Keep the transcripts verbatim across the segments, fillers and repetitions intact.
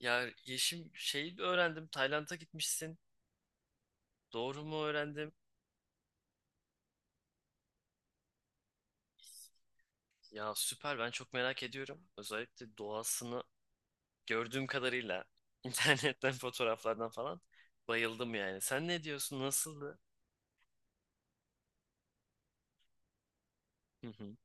Ya Yeşim şeyi öğrendim. Tayland'a gitmişsin. Doğru mu öğrendim? Ya süper, ben çok merak ediyorum. Özellikle doğasını gördüğüm kadarıyla internetten fotoğraflardan falan bayıldım yani. Sen ne diyorsun? Nasıldı? Hı hı.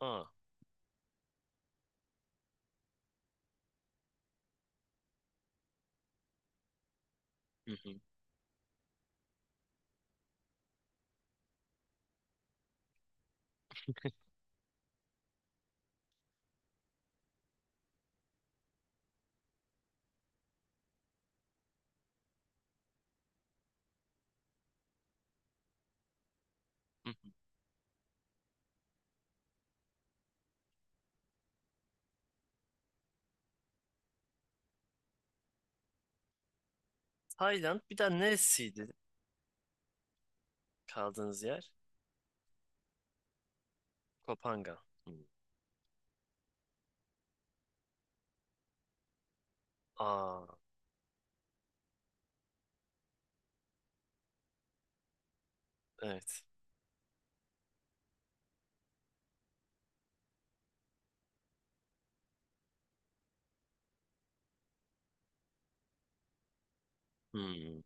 Aa. Hı hı. Hı hı. Tayland bir daha neresiydi kaldığınız yer? Kopanga. Hı. Aa evet. Hı.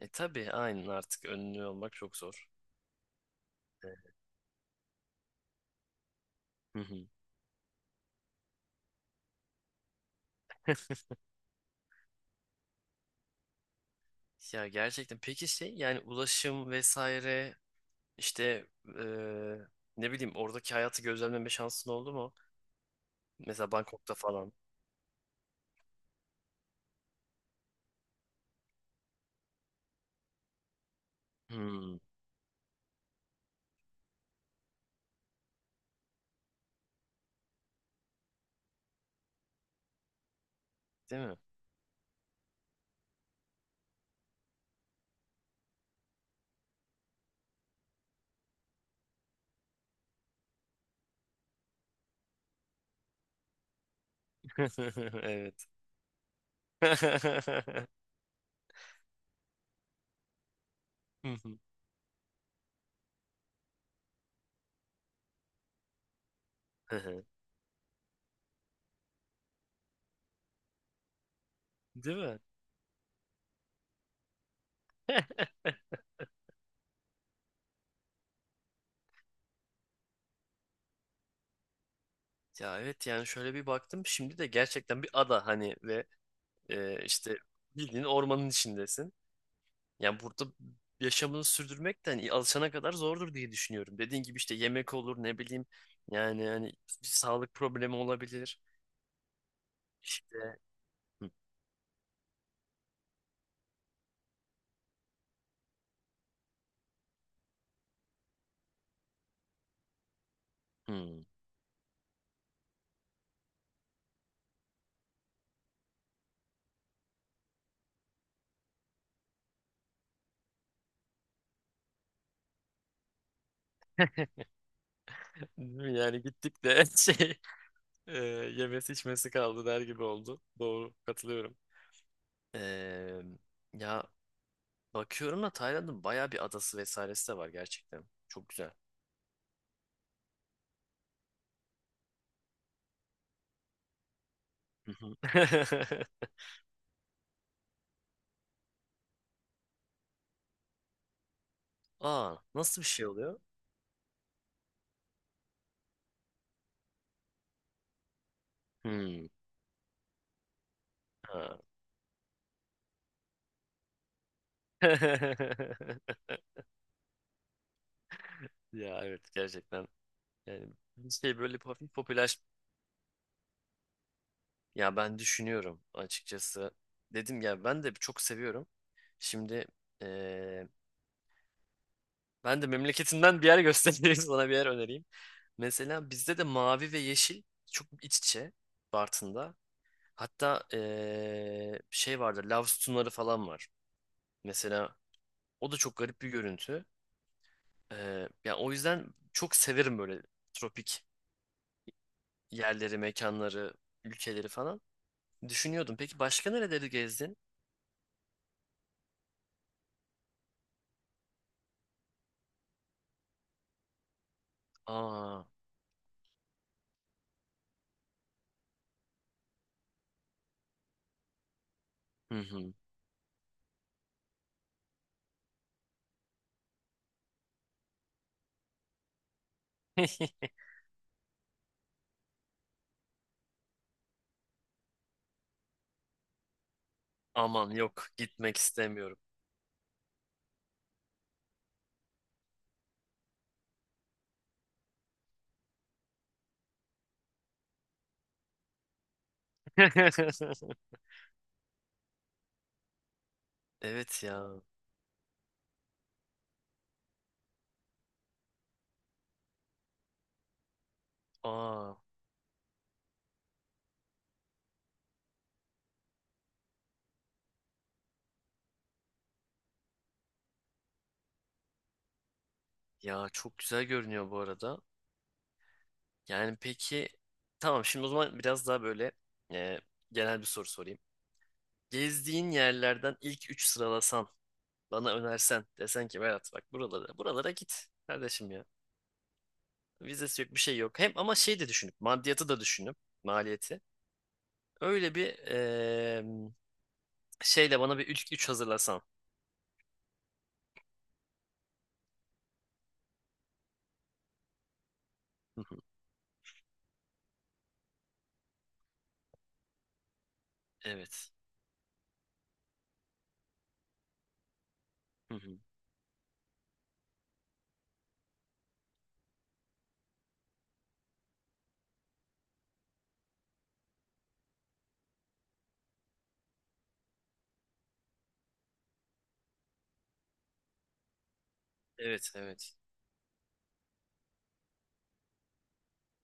E tabii, aynen, artık önlü olmak çok zor. Evet. Hı hı. Ya gerçekten. Peki şey, yani ulaşım vesaire, İşte eee, ne bileyim, oradaki hayatı gözlemleme şansın oldu mu? Mesela Bangkok'ta falan. Hmm, değil mi? Evet. Değil mi? Ya evet, yani şöyle bir baktım şimdi de gerçekten bir ada hani ve e, işte bildiğin ormanın içindesin. Yani burada yaşamını sürdürmek de hani alışana kadar zordur diye düşünüyorum. Dediğin gibi işte yemek olur, ne bileyim, yani hani bir sağlık problemi olabilir. İşte hı, hı. Yani gittik de şey e, yemesi içmesi kaldı der gibi oldu. Doğru, katılıyorum. Eee, ya bakıyorum da Tayland'ın bayağı bir adası vesairesi de var gerçekten. Çok güzel. Hı hı. Aa, nasıl bir şey oluyor? Hmm. Ha. Ya evet gerçekten, yani bir şey böyle hafif popüler. Ya ben düşünüyorum açıkçası, dedim ya ben de çok seviyorum. Şimdi ben de memleketinden bir yer göstereyim sana, bir yer önereyim. Mesela bizde de mavi ve yeşil çok iç içe, Bartın'da. Hatta eee, şey vardır, lav sütunları falan var. Mesela o da çok garip bir görüntü. Eee yani o yüzden çok severim böyle tropik yerleri, mekanları, ülkeleri falan. Düşünüyordum. Peki başka nereleri gezdin? Aa, hı hı. Aman, yok, gitmek istemiyorum. Evet ya. Aa. Ya çok güzel görünüyor bu arada. Yani peki, tamam, şimdi o zaman biraz daha böyle e, genel bir soru sorayım. Gezdiğin yerlerden ilk üç sıralasan, bana önersen, desen ki Berat bak buralara buralara git kardeşim ya. Vizesi yok, bir şey yok. Hem ama şey de düşünüp, maddiyatı da düşünüp, maliyeti. Öyle bir e, şeyle bana bir ilk üç hazırlasan. Hı hı, evet. Hı hı, evet evet.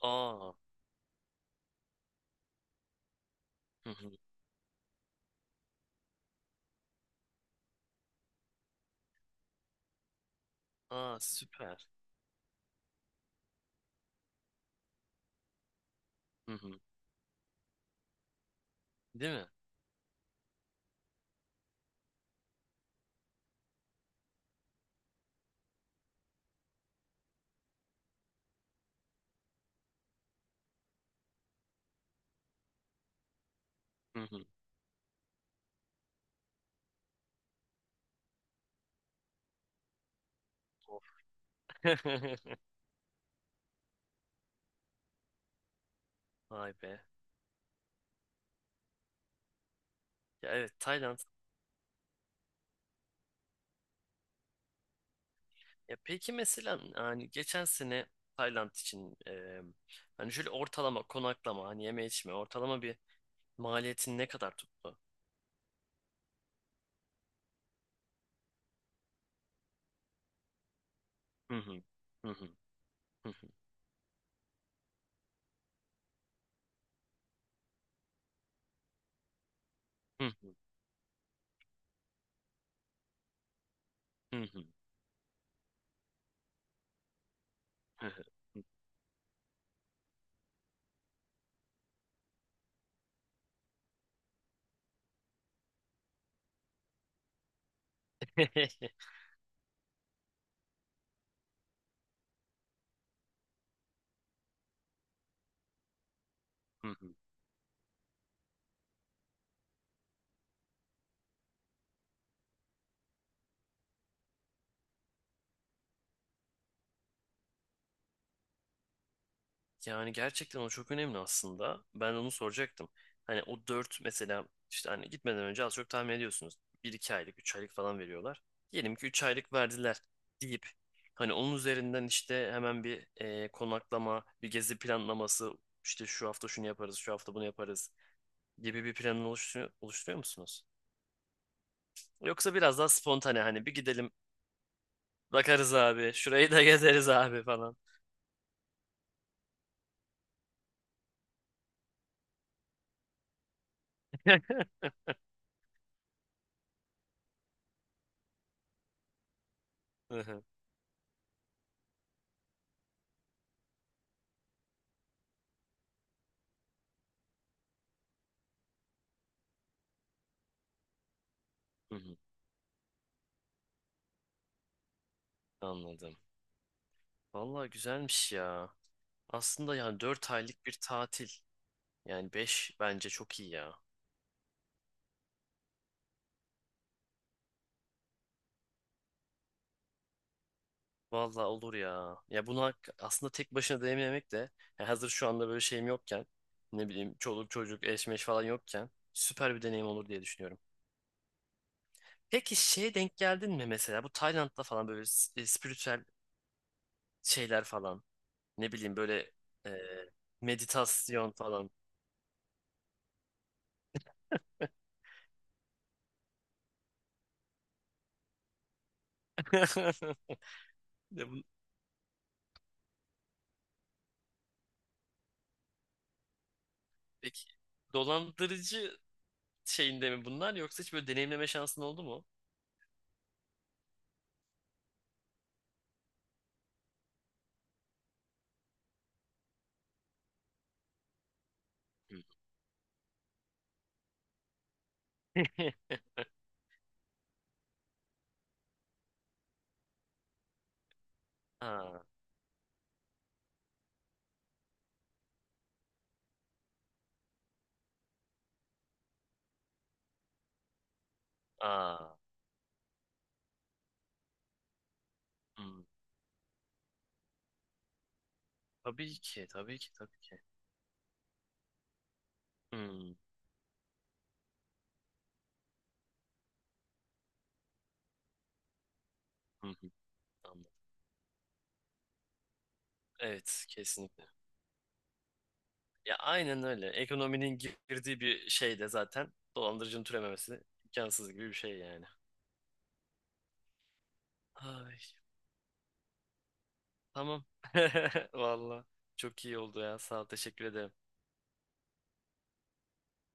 Aa. Hı hı. Aa süper. Hı hı. Değil mi? Hı hı. Of. Vay be. Ya evet, Tayland. Ya peki mesela hani geçen sene Tayland için e, hani şöyle ortalama konaklama, hani yeme içme ortalama bir maliyetin ne kadar tuttu? Hı hı. Hı hı. Hı hı. Hı hı. Hı hı. Hı hı. Yani gerçekten o çok önemli aslında. Ben onu soracaktım. Hani o dört mesela, işte hani gitmeden önce az çok tahmin ediyorsunuz. Bir iki aylık, üç aylık falan veriyorlar. Diyelim ki üç aylık verdiler deyip hani onun üzerinden işte hemen bir e, konaklama, bir gezi planlaması, işte şu hafta şunu yaparız, şu hafta bunu yaparız gibi bir planı oluşturuyor, oluşturuyor musunuz? Yoksa biraz daha spontane, hani bir gidelim bakarız abi, şurayı da gezeriz abi falan. Hı hı, hı hı, anladım. Vallahi güzelmiş ya. Aslında yani dört aylık bir tatil. Yani beş bence çok iyi ya. Vallahi olur ya. Ya bunu hak- aslında tek başına deneyimlemek de, ya hazır şu anda böyle şeyim yokken, ne bileyim çoluk çocuk eşmeş falan yokken süper bir deneyim olur diye düşünüyorum. Peki şeye denk geldin mi mesela bu Tayland'da falan böyle s- e, spiritüel şeyler falan, ne bileyim böyle e, meditasyon falan. Ya bu- Peki, dolandırıcı şeyinde mi bunlar, yoksa hiç böyle deneyimleme şansın oldu mu? Hı. Ha, aa, hmm. Tabii ki, tabii ki, tabii ki. Hmm, hı hı, anladım. Evet, kesinlikle. Ya aynen öyle. Ekonominin girdiği bir şey de zaten dolandırıcının türememesi imkansız gibi bir şey yani. Ay, tamam. Valla çok iyi oldu ya. Sağ ol, teşekkür ederim.